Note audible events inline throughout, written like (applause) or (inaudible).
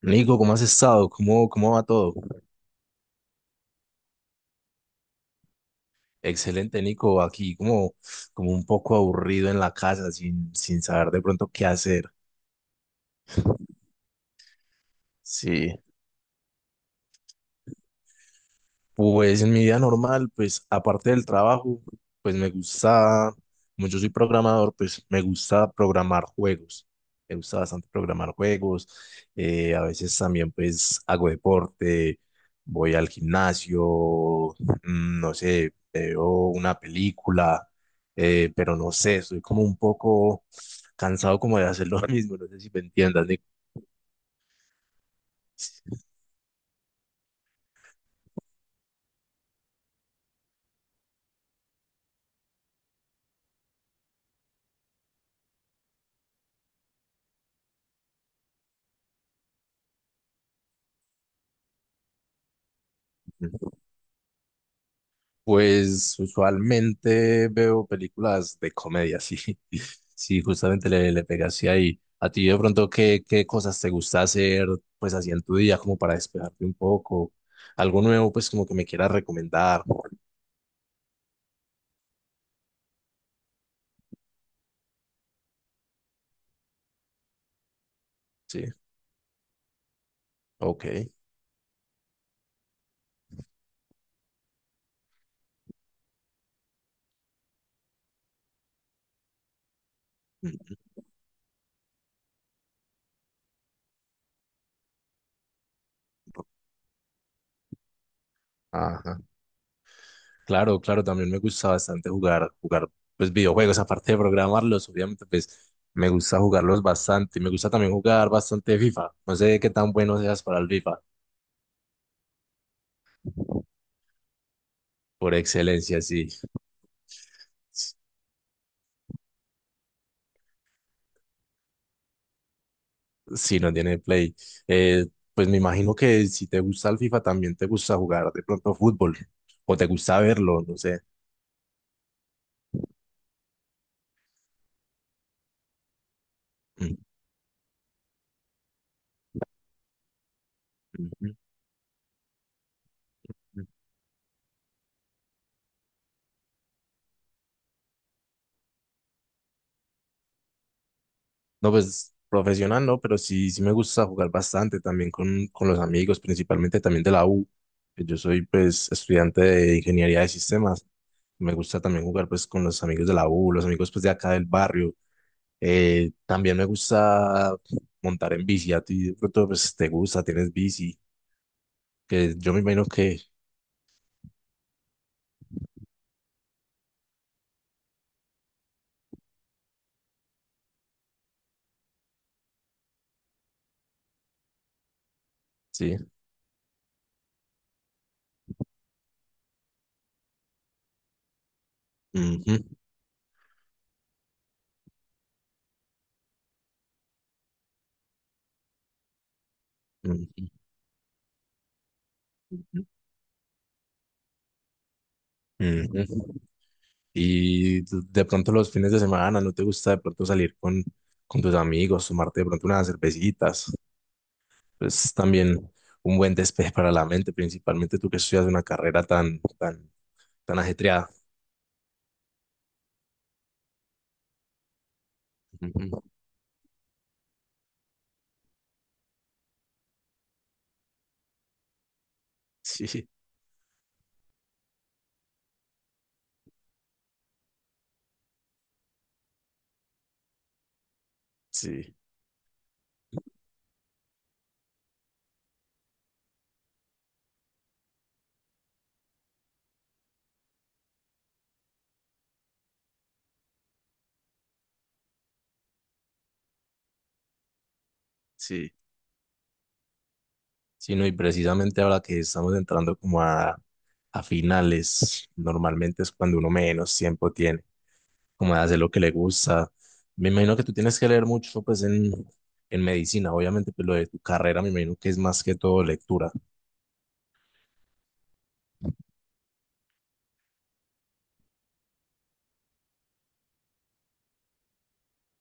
Nico, ¿cómo has estado? ¿Cómo va todo? Excelente, Nico, aquí como un poco aburrido en la casa sin saber de pronto qué hacer. Sí. Pues en mi vida normal, pues aparte del trabajo, pues me gusta, como yo soy programador, pues me gusta programar juegos. Me gusta bastante programar juegos. A veces también pues hago deporte, voy al gimnasio, no sé, veo una película, pero no sé, estoy como un poco cansado como de hacer lo (laughs) mismo, no sé si me entiendas, Nico. Pues usualmente veo películas de comedia, sí. (laughs) Sí, justamente le pegaste ahí. A ti de pronto, ¿qué cosas te gusta hacer pues así en tu día como para despejarte un poco? Algo nuevo pues como que me quieras recomendar. Sí, ok. Mm. Ajá. Claro, claro, también me gusta bastante jugar pues videojuegos, aparte de programarlos, obviamente pues me gusta jugarlos bastante. Y me gusta también jugar bastante FIFA. No sé qué tan bueno seas para el FIFA. Por excelencia, sí. Si no tiene Play. Eh, pues me imagino que si te gusta el FIFA también te gusta jugar de pronto fútbol o te gusta verlo, no sé. Mm, mm, mm, mm. No, pues profesional no, pero sí, sí me gusta jugar bastante también con los amigos, principalmente también de la U. Yo soy pues estudiante de ingeniería de sistemas. Me gusta también jugar pues con los amigos de la U, los amigos pues de acá del barrio. También me gusta montar en bici. A ti de pronto pues te gusta, tienes bici, que yo me imagino que sí. Ujú, ujú, ujú. Y tú- de pronto los fines de semana, ¿no te gusta de pronto salir con tus amigos, tomarte de pronto unas cervecitas? Pues también un buen despeje para la mente, principalmente tú que estudias una carrera tan ajetreada. Ujú. Sí, sí, sí. Sí, no, y precisamente ahora que estamos entrando como a finales, normalmente es cuando uno menos tiempo tiene. Como de hacer lo que le gusta. Me imagino que tú tienes que leer mucho, pues, en medicina, obviamente, pero lo de tu carrera, me imagino que es más que todo lectura.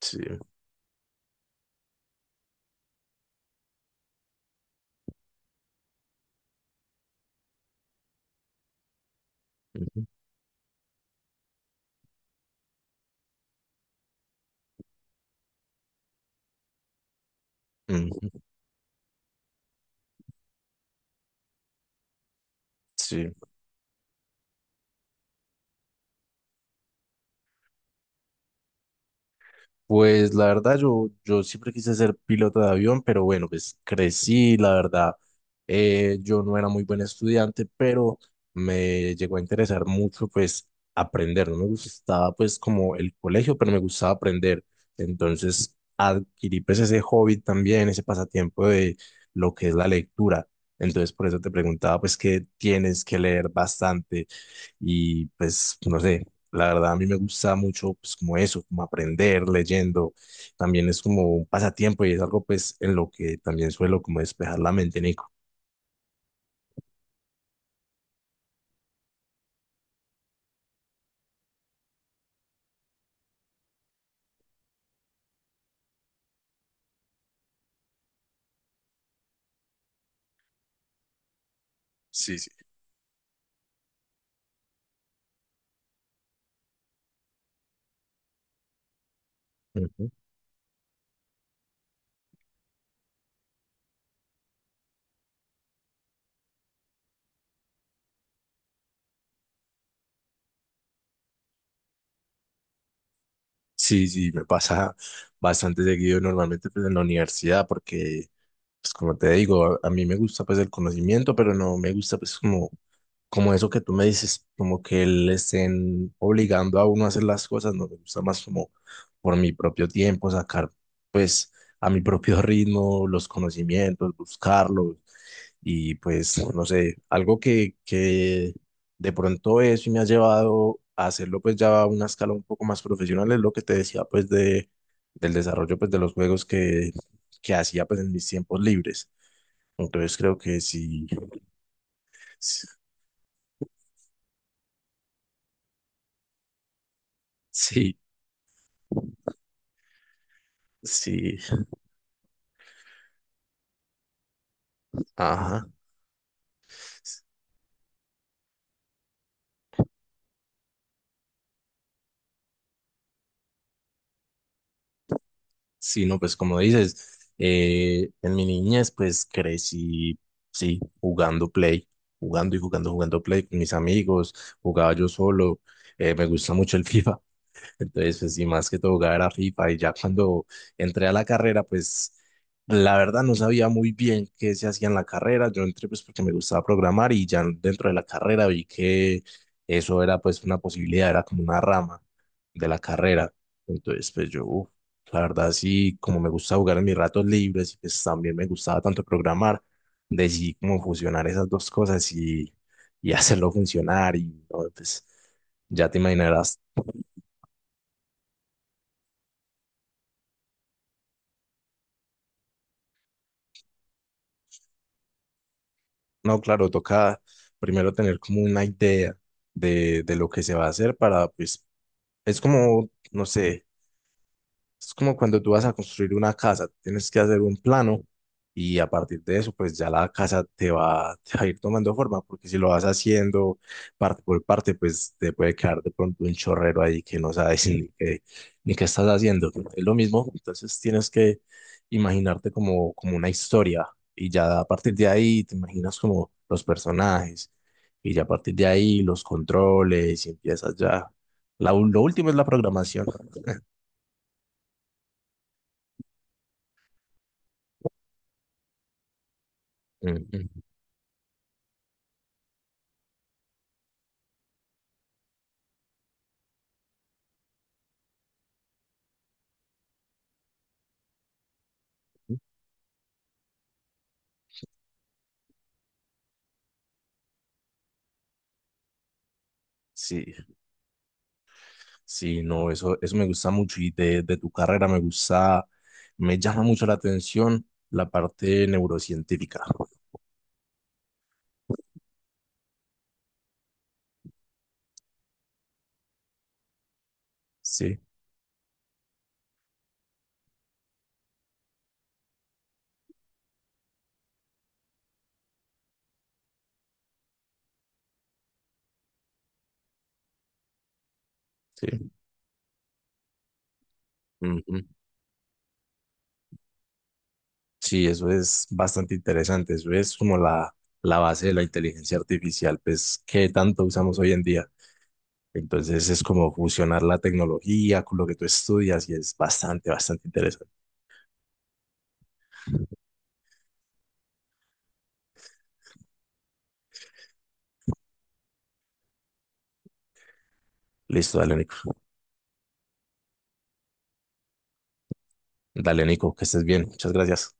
Sí, ujú, ujú, sí. Pues la verdad, yo siempre quise ser piloto de avión, pero bueno, pues crecí, la verdad, yo no era muy buen estudiante, pero me llegó a interesar mucho, pues, aprender. No me gustaba, pues, como el colegio, pero me gustaba aprender. Entonces, adquirí, pues, ese hobby también, ese pasatiempo de lo que es la lectura. Entonces, por eso te preguntaba, pues, qué tienes que leer bastante y, pues, no sé. La verdad, a mí me gusta mucho, pues, como eso, como aprender leyendo. También es como un pasatiempo y es algo, pues, en lo que también suelo como despejar la mente, Nico. Sí, sí. Ujú. Sí, sí, me pasa bastante seguido normalmente, pues, en la universidad, porque, pues, como te digo, a mí me gusta, pues, el conocimiento, pero no me gusta, pues, como como eso que tú me dices, como que le estén obligando a uno a hacer las cosas, no me gusta más como por mi propio tiempo, sacar pues a mi propio (laughs) ritmo los conocimientos, buscarlos y pues no sé, algo que de pronto eso me ha llevado a hacerlo pues ya a una escala un poco más profesional, es lo que te decía pues de, del desarrollo pues de los juegos que hacía pues en mis tiempos libres. Entonces creo que sí, (laughs) sí, sí. Ajá. Sí, no, pues como dices, en mi niñez pues crecí, sí, jugando Play, jugando y jugando, jugando Play con mis amigos, jugaba yo solo, me gusta mucho el (laughs) FIFA, entonces, pues sí, más que todo jugaba era FIFA y ya cuando entré a la carrera, pues la verdad no sabía muy bien qué se hacía en la carrera. Yo entré pues porque me gustaba programar y ya dentro de la carrera vi que eso era pues una posibilidad, era como una rama de la carrera. Entonces, pues yo, uf, la verdad sí, como me gusta jugar en mis ratos libres y pues también me gustaba tanto programar, decidí como fusionar esas dos cosas y (laughs) hacerlo funcionar y no, pues... Ya te imaginarás. No, claro, toca primero tener como una idea de lo que se va a hacer para, pues, es como, no sé. Es como cuando tú vas a construir una casa, tienes que hacer un plano y a partir de eso, pues ya la casa te va a ir tomando forma, porque si lo vas haciendo parte por parte, pues te puede quedar de pronto un chorrero ahí que no sabes ni qué, ni qué estás haciendo. Es lo mismo, entonces tienes que imaginarte como, como una historia y ya a partir de ahí te imaginas como los personajes y ya a partir de ahí los controles y empiezas ya. La, lo último es la programación. Ujú. Sí. Sí, no, eso me gusta mucho y de tu carrera me gusta, me llama mucho la atención la parte neurocientífica. Sí, sí. Ujú. Sí, eso es bastante interesante, eso es como la base de la inteligencia artificial, pues que tanto usamos hoy en día. Entonces es como fusionar la tecnología con lo que tú estudias y es bastante, bastante interesante. Listo, dale, Nico. Dale, Nico, que estés bien. Muchas gracias.